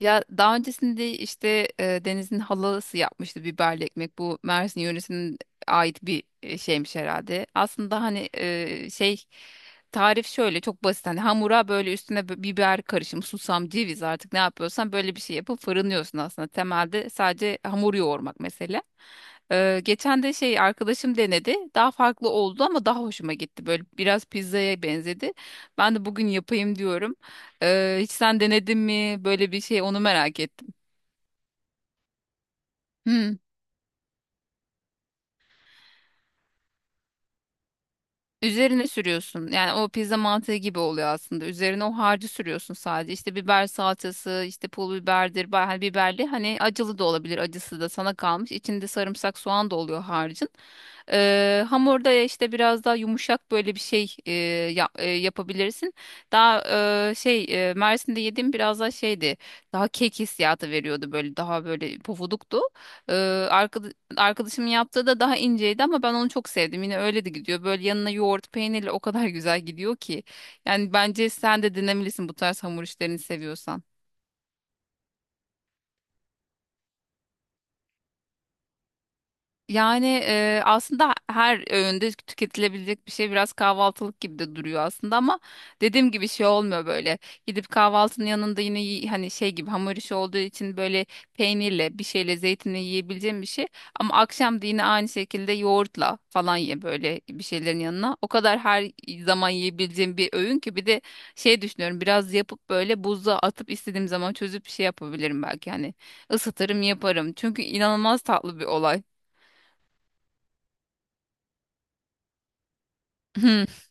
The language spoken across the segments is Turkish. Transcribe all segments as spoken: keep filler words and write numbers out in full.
Ya daha öncesinde işte e, Deniz'in halası yapmıştı biberli ekmek. Bu Mersin yöresinin ait bir e, şeymiş herhalde. Aslında hani e, şey tarif şöyle çok basit. Hani hamura böyle üstüne bi- biber karışımı, susam, ceviz artık ne yapıyorsan böyle bir şey yapıp fırınlıyorsun aslında. Temelde sadece hamur yoğurmak mesela. E, geçen de şey arkadaşım denedi. Daha farklı oldu ama daha hoşuma gitti. Böyle biraz pizzaya benzedi. Ben de bugün yapayım diyorum. Ee, hiç sen denedin mi böyle bir şey, onu merak ettim. Hmm. Üzerine sürüyorsun. Yani o pizza mantığı gibi oluyor aslında. Üzerine o harcı sürüyorsun sadece. İşte biber salçası, işte pul biberdir, ba- hani biberli. Hani acılı da olabilir, acısı da sana kalmış. İçinde sarımsak, soğan da oluyor harcın. Ee, hamurda ya işte biraz daha yumuşak böyle bir şey e, yap- e, yapabilirsin. Daha e, şey e, Mersin'de yediğim biraz daha şeydi. Daha kek hissiyatı veriyordu, böyle daha böyle pofuduktu. Ee, Arkadaşımın yaptığı da daha inceydi ama ben onu çok sevdim. Yine öyle de gidiyor. Böyle yanına yoğurt peynirle o kadar güzel gidiyor ki. Yani bence sen de denemelisin bu tarz hamur işlerini seviyorsan. Yani e, aslında her öğünde tüketilebilecek bir şey, biraz kahvaltılık gibi de duruyor aslında ama dediğim gibi şey olmuyor böyle. Gidip kahvaltının yanında yine yi- hani şey gibi hamur işi olduğu için böyle peynirle, bir şeyle, zeytinle yiyebileceğim bir şey. Ama akşam da yine aynı şekilde yoğurtla falan ye böyle bir şeylerin yanına. O kadar her zaman yiyebileceğim bir öğün ki, bir de şey düşünüyorum, biraz yapıp böyle buzluğa atıp istediğim zaman çözüp bir şey yapabilirim belki hani, ısıtırım yaparım. Çünkü inanılmaz tatlı bir olay.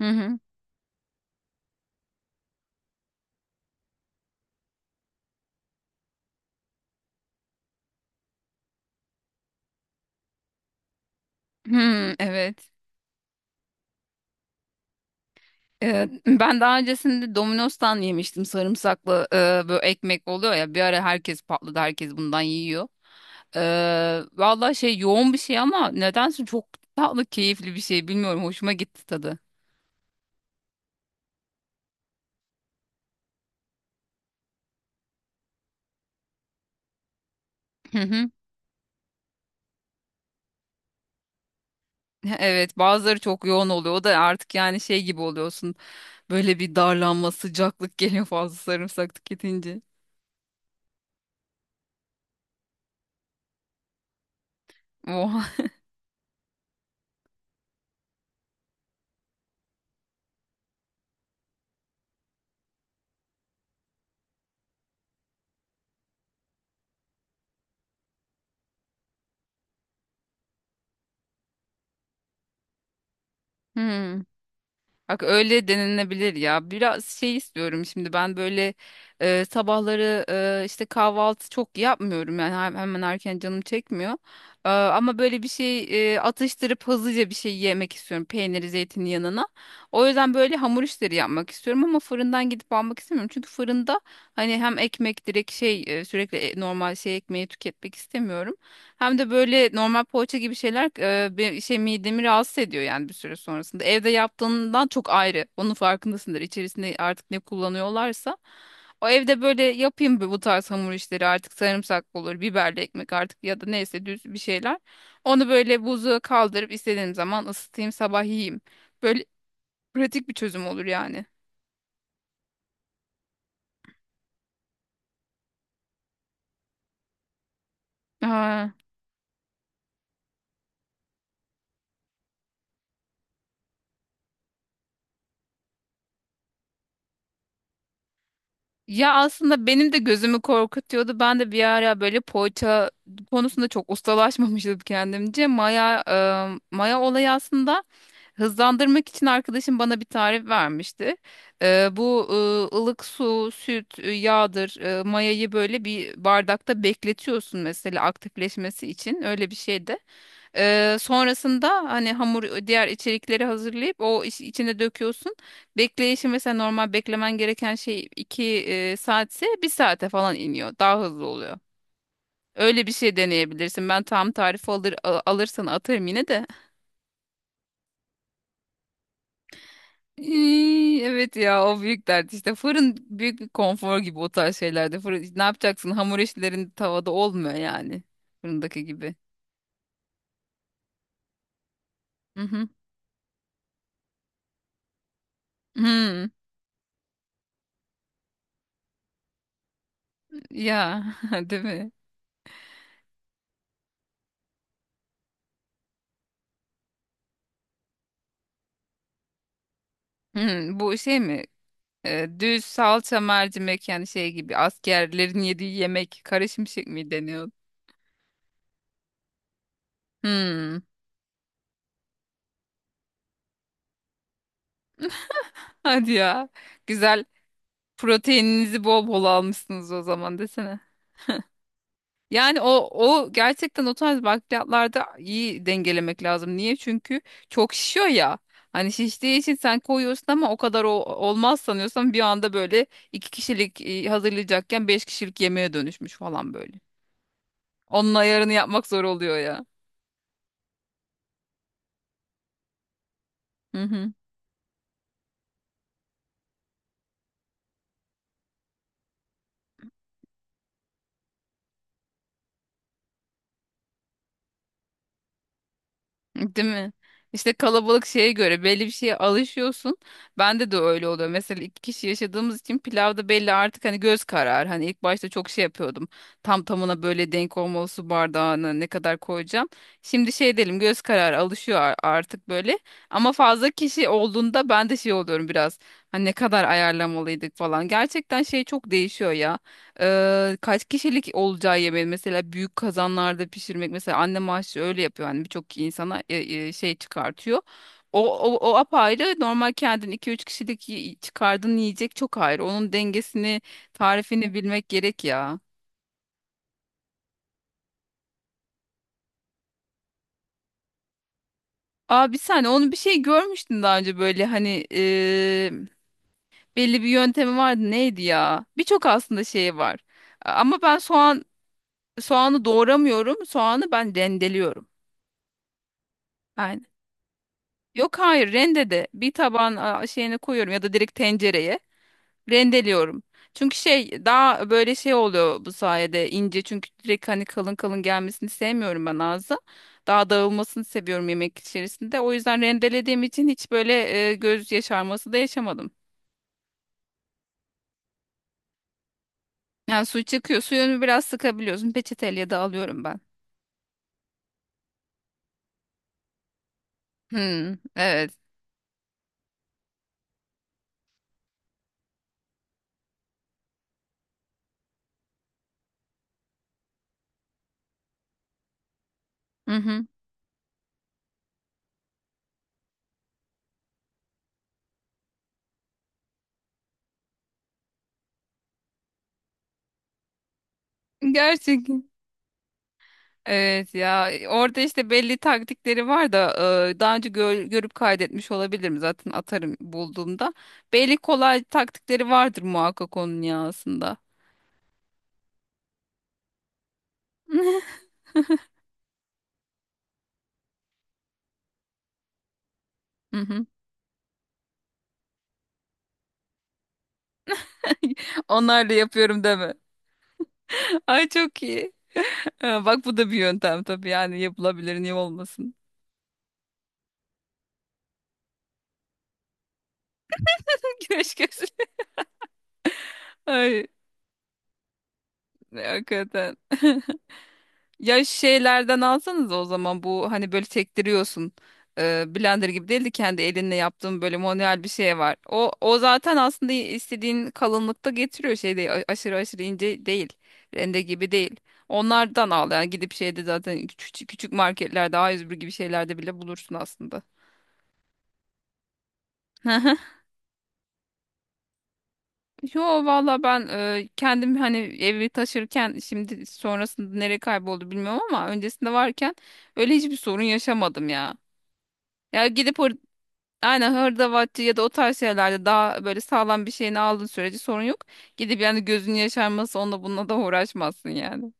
Hı hı. Hmm, evet. Ee, ben daha öncesinde Domino's'tan yemiştim sarımsaklı e, böyle ekmek oluyor ya, bir ara herkes patladı, herkes bundan yiyor. Ee, vallahi şey yoğun bir şey ama nedense çok tatlı, keyifli bir şey, bilmiyorum, hoşuma gitti tadı. Hı hı. Evet, bazıları çok yoğun oluyor, o da artık yani şey gibi oluyorsun, böyle bir darlanma, sıcaklık geliyor fazla sarımsak tüketince. Oha. Hmm. Bak öyle denilebilir ya. Biraz şey istiyorum şimdi ben, böyle e, sabahları e, işte kahvaltı çok yapmıyorum yani hem- hemen erken canım çekmiyor. E, ama böyle bir şey e, atıştırıp hızlıca bir şey yemek istiyorum, peyniri zeytinin yanına. O yüzden böyle hamur işleri yapmak istiyorum ama fırından gidip almak istemiyorum. Çünkü fırında hani hem ekmek direkt şey e, sürekli e, normal şey ekmeği tüketmek istemiyorum. Hem de böyle normal poğaça gibi şeyler e, be- şey midemi rahatsız ediyor yani bir süre sonrasında. Evde yaptığından çok ayrı. Onun farkındasındır. İçerisinde artık ne kullanıyorlarsa. O evde böyle yapayım bu bu tarz hamur işleri, artık sarımsak olur, biberli ekmek artık, ya da neyse düz bir şeyler. Onu böyle buzluğa kaldırıp istediğim zaman ısıtayım, sabah yiyeyim. Böyle pratik bir çözüm olur yani. Ha. Ya aslında benim de gözümü korkutuyordu. Ben de bir ara böyle poğaça konusunda çok ustalaşmamıştım kendimce. Maya, e, maya olayı aslında, hızlandırmak için arkadaşım bana bir tarif vermişti. E, bu e, ılık su, süt, e, yağdır, e, mayayı böyle bir bardakta bekletiyorsun mesela aktifleşmesi için. Öyle bir şeydi. Ee, sonrasında hani hamur diğer içerikleri hazırlayıp o iç- içine döküyorsun. Bekleyişi mesela normal beklemen gereken şey 2 saatse bir saate falan iniyor. Daha hızlı oluyor. Öyle bir şey deneyebilirsin. Ben tam tarifi alır, a- alırsan atarım yine de. İy, evet ya, o büyük dert işte. Fırın büyük bir konfor gibi o tarz şeylerde. Fırın, ne yapacaksın? Hamur işlerin tavada olmuyor yani. Fırındaki gibi. Hı hı. Hı. Ya, değil mi? Hı, bu şey mi? Ee, düz salça mercimek, yani şey gibi, askerlerin yediği yemek, kara şimşek mi deniyor? Hmm. Hadi ya. Güzel. Proteininizi bol bol almışsınız o zaman desene. Yani o o gerçekten o tarz bakliyatlarda iyi dengelemek lazım. Niye? Çünkü çok şişiyor ya. Hani şiştiği için sen koyuyorsun ama o kadar o, olmaz sanıyorsan bir anda böyle iki kişilik e, hazırlayacakken beş kişilik yemeğe dönüşmüş falan böyle. Onun ayarını yapmak zor oluyor ya. Hı hı. Değil mi? İşte kalabalık şeye göre belli bir şeye alışıyorsun. Bende de öyle oluyor. Mesela iki kişi yaşadığımız için pilavda belli artık hani, göz karar. Hani ilk başta çok şey yapıyordum. Tam tamına böyle denk olmalı, su bardağını ne kadar koyacağım. Şimdi şey diyelim, göz kararı alışıyor ar- artık böyle. Ama fazla kişi olduğunda ben de şey oluyorum biraz. Hani ne kadar ayarlamalıydık falan. Gerçekten şey çok değişiyor ya. Eee, kaç kişilik olacağı yemeği mesela, büyük kazanlarda pişirmek mesela, annem aşçı öyle yapıyor hani, birçok insana e, e, şey çıkartıyor. O, o, o apayrı, normal kendin iki üç kişilik yi- çıkardığın yiyecek çok ayrı. Onun dengesini, tarifini bilmek gerek ya. Abi sen onu bir şey görmüştün daha önce, böyle hani eee, belli bir yöntemi vardı, neydi ya? Birçok aslında şey var. Ama ben soğan soğanı doğramıyorum. Soğanı ben rendeliyorum. Yok, hayır, rendede bir taban a, şeyini koyuyorum ya da direkt tencereye rendeliyorum. Çünkü şey daha böyle şey oluyor, bu sayede ince, çünkü direkt hani kalın kalın gelmesini sevmiyorum ben ağza. Daha dağılmasını seviyorum yemek içerisinde. O yüzden rendelediğim için hiç böyle e, göz yaşarması da yaşamadım. Yani su çıkıyor. Suyunu biraz sıkabiliyorsun. Peçeteyle de alıyorum ben. Hmm, evet. Hı hı. Gerçek. Evet ya, orada işte belli taktikleri var da e, daha önce gö- görüp kaydetmiş olabilirim, zaten atarım bulduğumda. Belli kolay taktikleri vardır muhakkak onun ya aslında. Hı hı. Onlarla yapıyorum deme. Ay, çok iyi. Ha, bak bu da bir yöntem tabii, yani yapılabilir, niye olmasın. Güneş gözlüğü. Ay, hakikaten. Ya şeylerden alsanız o zaman, bu hani böyle sektiriyorsun. Ee, blender gibi değil de kendi elinle yaptığın böyle manuel bir şey var. O o zaten aslında istediğin kalınlıkta getiriyor, şey değil, a- aşırı aşırı ince değil. Rende gibi değil. Onlardan al yani, gidip şeyde zaten, küçük küçük marketlerde, A yüz bir gibi şeylerde bile bulursun aslında. Yo, valla ben e, kendim hani evi taşırken şimdi sonrasında nereye kayboldu bilmiyorum, ama öncesinde varken öyle hiçbir sorun yaşamadım ya. Ya gidip, aynen, hırdavatçı ya da o tarz şeylerde daha böyle sağlam bir şeyini aldığın sürece sorun yok. Gidip yani, gözün yaşarması, onunla bununla da uğraşmazsın yani.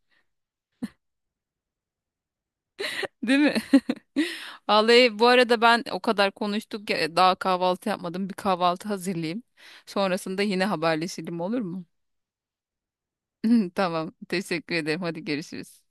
Değil mi? Vallahi bu arada, ben o kadar konuştuk ya, daha kahvaltı yapmadım. Bir kahvaltı hazırlayayım. Sonrasında yine haberleşelim, olur mu? Tamam. Teşekkür ederim. Hadi görüşürüz.